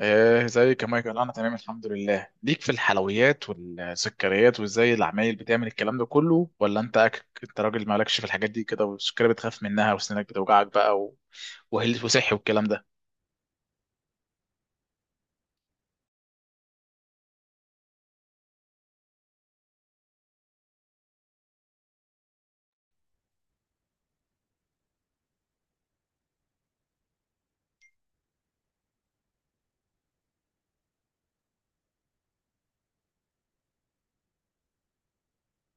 ايه زي كمان كده انا تمام الحمد لله. ليك في الحلويات والسكريات، وازاي العمايل بتعمل الكلام ده كله؟ ولا انت انت راجل مالكش في الحاجات دي كده، والسكريات بتخاف منها وسنانك بتوجعك بقى وهل وصحي والكلام ده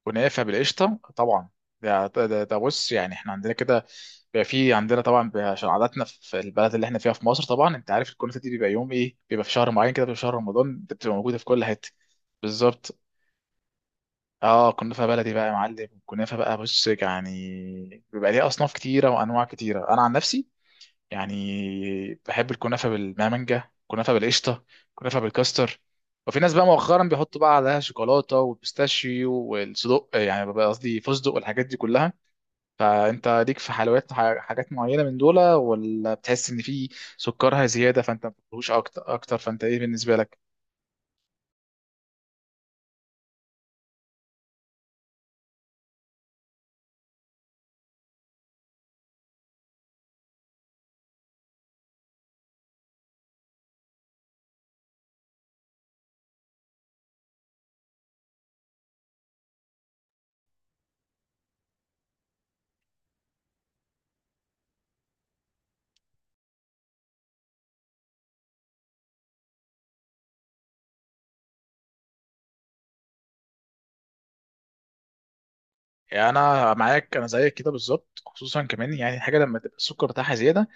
ونافع؟ بالقشطه طبعا. ده بص، يعني احنا عندنا كده بيبقى في عندنا طبعا، بيبقى عشان عاداتنا في البلد اللي احنا فيها في مصر. طبعا انت عارف الكنافه دي بيبقى يوم ايه، بيبقى في شهر معين كده، بيبقى في شهر رمضان، ده بتبقى موجوده في كل حته. بالظبط، اه كنافه بلدي بقى يا معلم. كنافه بقى، بص يعني بيبقى ليها اصناف كتيره وانواع كتيره. انا عن نفسي يعني بحب الكنافه بالمانجا، كنافه بالقشطه، كنافه بالكاستر. وفي ناس بقى مؤخرا بيحطوا بقى عليها شوكولاته والبيستاشيو والصدق، يعني بقى قصدي فستق والحاجات دي كلها. فانت ليك في حلويات حاجات معينه من دول، ولا بتحس ان في سكرها زياده فانت ما بتحبوش اكتر اكتر؟ فانت ايه بالنسبه لك؟ يعني انا معاك، انا زيك كده بالظبط. خصوصا كمان يعني الحاجه لما تبقى السكر بتاعها زياده،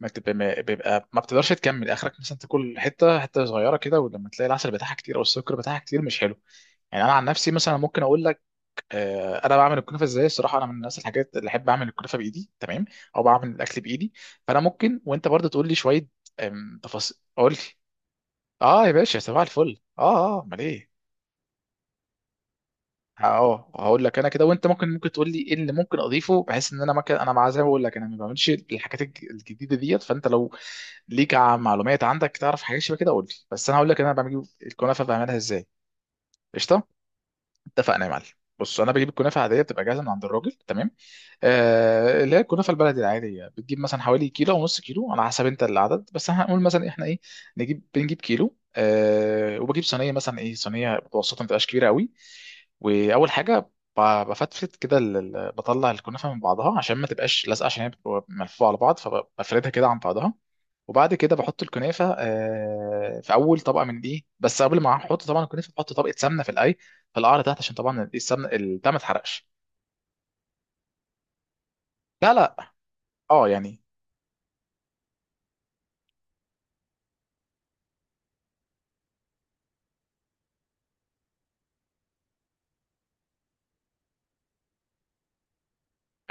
ما تبقى ما بيبقى ما بتقدرش تكمل اخرك، مثلا تاكل حته حته صغيره كده، ولما تلاقي العسل بتاعها كتير او السكر بتاعها كتير مش حلو. يعني انا عن نفسي مثلا ممكن اقول لك، انا بعمل الكنافه ازاي الصراحه. انا من الناس الحاجات اللي احب اعمل الكنافه بايدي، تمام، او بعمل الاكل بايدي. فانا ممكن، وانت برضه تقول لي شويه تفاصيل، قول لي. اه يا باشا، صباح الفل. اه امال ايه. اه هقول لك انا كده، وانت ممكن تقول لي ايه اللي ممكن اضيفه، بحيث ان انا ممكن، انا مع زي ما بقول لك، انا ما بعملش الحاجات الجديده ديت. فانت لو ليك معلومات عندك تعرف حاجات شبه كده قول لي، بس انا هقول لك انا بعمل الكنافه بعملها ازاي. قشطه، اتفقنا يا معلم. بص، انا بجيب الكنافه عاديه بتبقى جاهزه من عند الراجل، تمام، اللي هي الكنافه البلدي العاديه. بتجيب مثلا حوالي كيلو او نص كيلو على حسب انت العدد، بس احنا هنقول مثلا احنا ايه، بنجيب كيلو أه، وبجيب صينيه مثلا ايه، صينيه متوسطه ما تبقاش كبيره قوي. واول حاجه ب- بفتفت كده، بطلع الكنافه من بعضها عشان ما تبقاش لازقه، عشان هي بتبقى ملفوفه على بعض، فبفردها كده عن بعضها. وبعد كده بحط الكنافه أه في اول طبقه من دي، بس قبل ما احط طبعا الكنافه بحط طبقه سمنه في الاي، في القعر تحت، عشان طبعا السمنه البتاع ما تحرقش. لا، اه يعني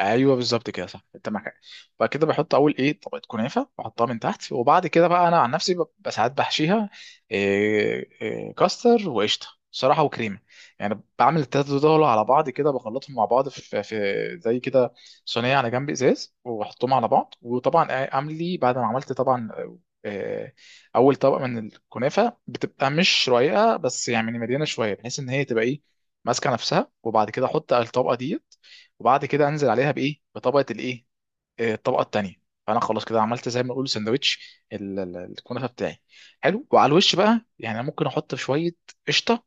ايوه بالظبط كده، صح، انت معاك حق. بعد كده بحط اول ايه طبقه كنافه بحطها من تحت. وبعد كده بقى انا عن نفسي ساعات بحشيها إيه إيه كاستر وقشطه صراحه وكريمه. يعني بعمل التلاته دول على بعض كده، بخلطهم مع بعض في, في زي كده صينيه على جنب ازاز، واحطهم على بعض. وطبعا اعمل لي بعد ما عملت طبعا، آه، اول طبقه من الكنافه بتبقى مش رقيقه، بس يعني مليانه شويه بحيث ان هي تبقى ايه، ماسكه نفسها. وبعد كده احط الطبقه دي. وبعد كده انزل عليها بايه، بطبقه الايه، الطبقه التانيه. فانا خلاص كده عملت زي ما نقول سندوتش الكنافه بتاعي. حلو. وعلى الوش بقى، يعني أنا ممكن احط شويه قشطه،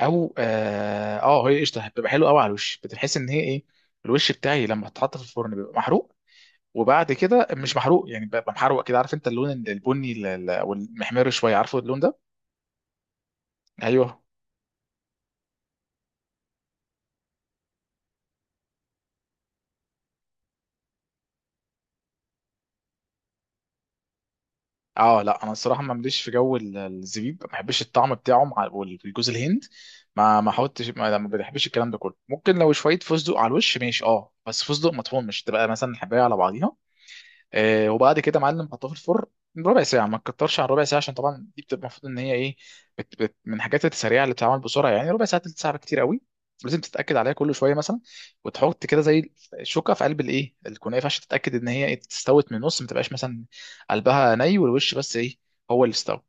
او اه هي قشطه بتبقى حلوه قوي على الوش. بتحس ان هي ايه، الوش بتاعي لما اتحط في الفرن بيبقى محروق، وبعد كده مش محروق، يعني بيبقى محروق كده، عارف انت اللون البني او المحمر شويه، عارفه اللون ده. ايوه. اه لا، انا الصراحه ما مليش في جو الزبيب، ما بحبش الطعم بتاعه مع والجوز الهند، ما ما حاولتش، ما ما بحبش الكلام ده كله. ممكن لو شويه فستق على الوش ماشي اه، بس فستق مطحون، مش تبقى مثلا الحبايه على بعضيها. وبعد كده يا معلم حطها في الفرن ربع ساعة، ما تكترش عن ربع ساعة، عشان طبعا دي بتبقى المفروض ان هي ايه، بت بت من الحاجات السريعة اللي بتتعمل بسرعة. يعني ربع ساعة، تلت ساعة كتير قوي. لازم تتأكد عليها كل شوية مثلا، وتحط كده زي الشوكة في قلب الايه الكنافة عشان تتأكد ان هي استوت من النص، ما تبقاش مثلا قلبها ني والوش بس ايه هو اللي استوى.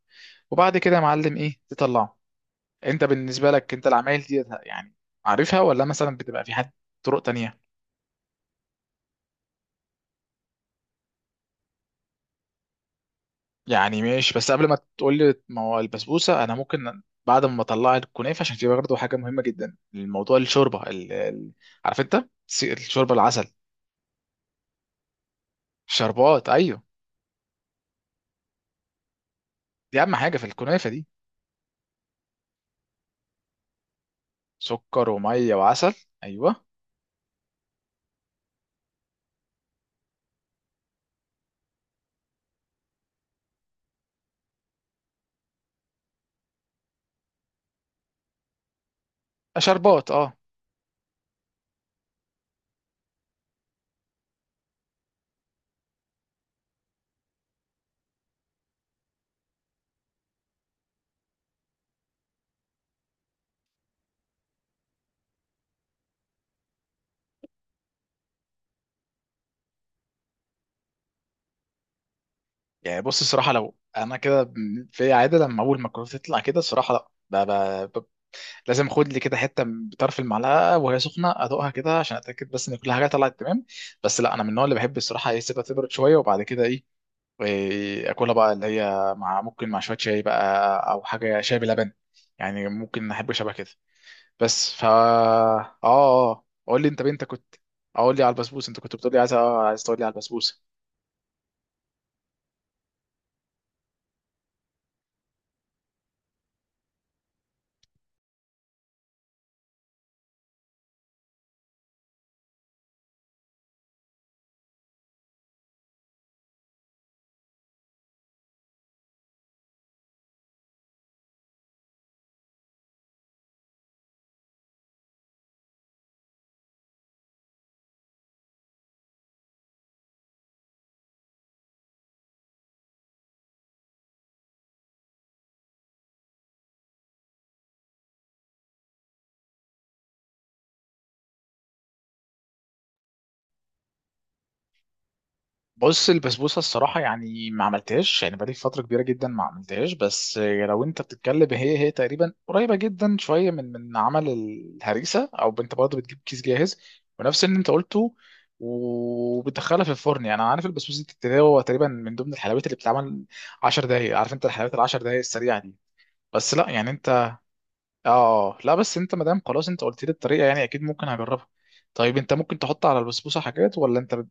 وبعد كده يا معلم ايه تطلعه. انت بالنسبة لك انت العمايل دي يعني عارفها، ولا مثلا بتبقى في حد طرق تانية؟ يعني ماشي، بس قبل ما تقول لي ما هو البسبوسه، انا ممكن بعد ما اطلع الكنافه، عشان دي برضه حاجه مهمه جدا، الموضوع الشوربه عارف انت، الشوربه العسل. شربات، ايوه. دي اهم حاجه في الكنافه دي. سكر وميه وعسل، ايوه. شربات اه. يعني بص الصراحه، لو انا كده في عاده لما اول ما الكنافه تطلع كده، الصراحه لا، ب... ب... ب... لازم اخد لي كده حته بطرف المعلقه وهي سخنه، ادوقها كده عشان اتاكد بس ان كل حاجه طلعت تمام. بس لا، انا من النوع اللي بحب الصراحه ايه، سيبها تبرد شويه، وبعد كده ايه واكلها بقى، اللي هي مع ممكن مع شويه شاي بقى، او حاجه شاي بلبن، يعني ممكن احب شبه كده. بس فا قول لي انت بنتك كنت، اقول لي على البسبوس، انت كنت بتقول لي عايز عايز تقول لي على البسبوسه. بص البسبوسه الصراحه يعني ما عملتهاش، يعني بقالي فتره كبيره جدا ما عملتهاش. بس لو انت بتتكلم، هي تقريبا قريبه جدا شويه من من عمل الهريسه. او انت برضه بتجيب كيس جاهز، ونفس اللي انت قلته، وبتدخلها في الفرن. يعني انا عارف البسبوسه دي بتتساوي هو تقريبا من ضمن الحلويات اللي بتتعمل 10 دقائق، عارف انت الحلويات ال 10 دقائق السريعه دي. بس لا يعني انت اه، لا بس انت مادام خلاص انت قلت لي الطريقه، يعني اكيد ممكن هجربها. طيب انت ممكن تحط على البسبوسه حاجات، ولا انت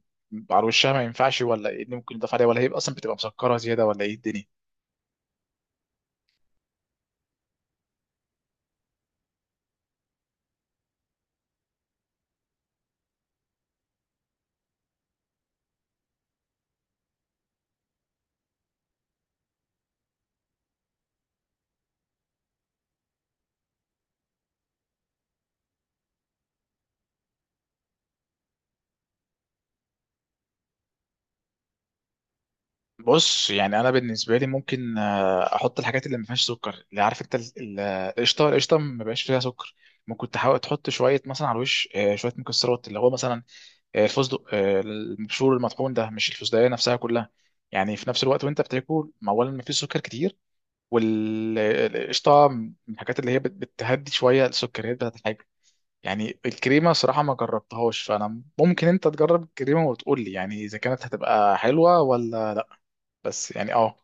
على وشها ما ينفعش؟ ولا ايه اللي ممكن يضاف عليها، ولا هي اصلا بتبقى مسكره زياده، ولا ايه الدنيا؟ بص يعني انا بالنسبه لي ممكن احط الحاجات اللي ما فيهاش سكر، اللي عارف انت القشطه. القشطه، ما بقاش فيها سكر. ممكن تحاول تحط شويه مثلا على الوش شويه مكسرات، اللي هو مثلا الفستق، المبشور المطحون ده، مش الفستقيه نفسها كلها. يعني في نفس الوقت وانت بتاكل، ما اولا ما فيش سكر كتير، والقشطه من الحاجات اللي هي بتهدي شويه السكريات بتاعت الحاجه. يعني الكريمه صراحه ما جربتهاش، فانا ممكن انت تجرب الكريمه وتقول لي، يعني اذا كانت هتبقى حلوه ولا. بس يعني اه،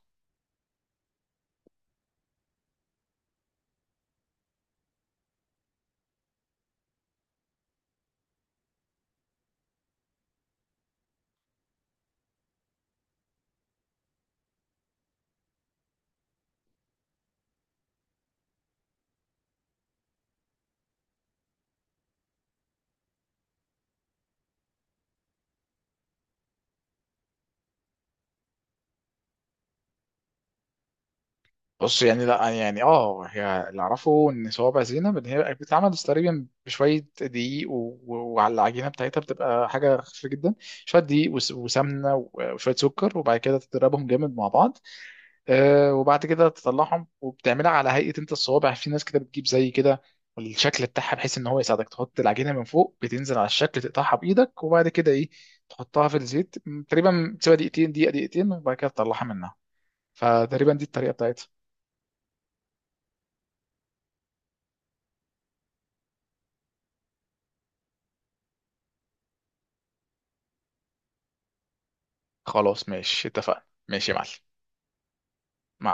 بص يعني لا، يعني اه هي اللي اعرفه ان صوابع زينب ان هي بتتعمل تقريبا بشويه دقيق وعلى العجينه بتاعتها بتبقى حاجه خفيفه جدا، شويه دقيق وسمنه وشويه سكر، وبعد كده تضربهم جامد مع بعض. وبعد كده تطلعهم، وبتعملها على هيئه انت الصوابع. يعني في ناس كده بتجيب زي كده الشكل بتاعها، بحيث ان هو يساعدك تحط العجينه من فوق بتنزل على الشكل، تقطعها بايدك، وبعد كده ايه تحطها في الزيت، تقريبا تسيبها دقيقتين، دقيقه دقيقتين، وبعد كده تطلعها منها. فتقريبا دي الطريقه بتاعتها. خلاص ماشي، اتفقنا ماشي يا معلم. مع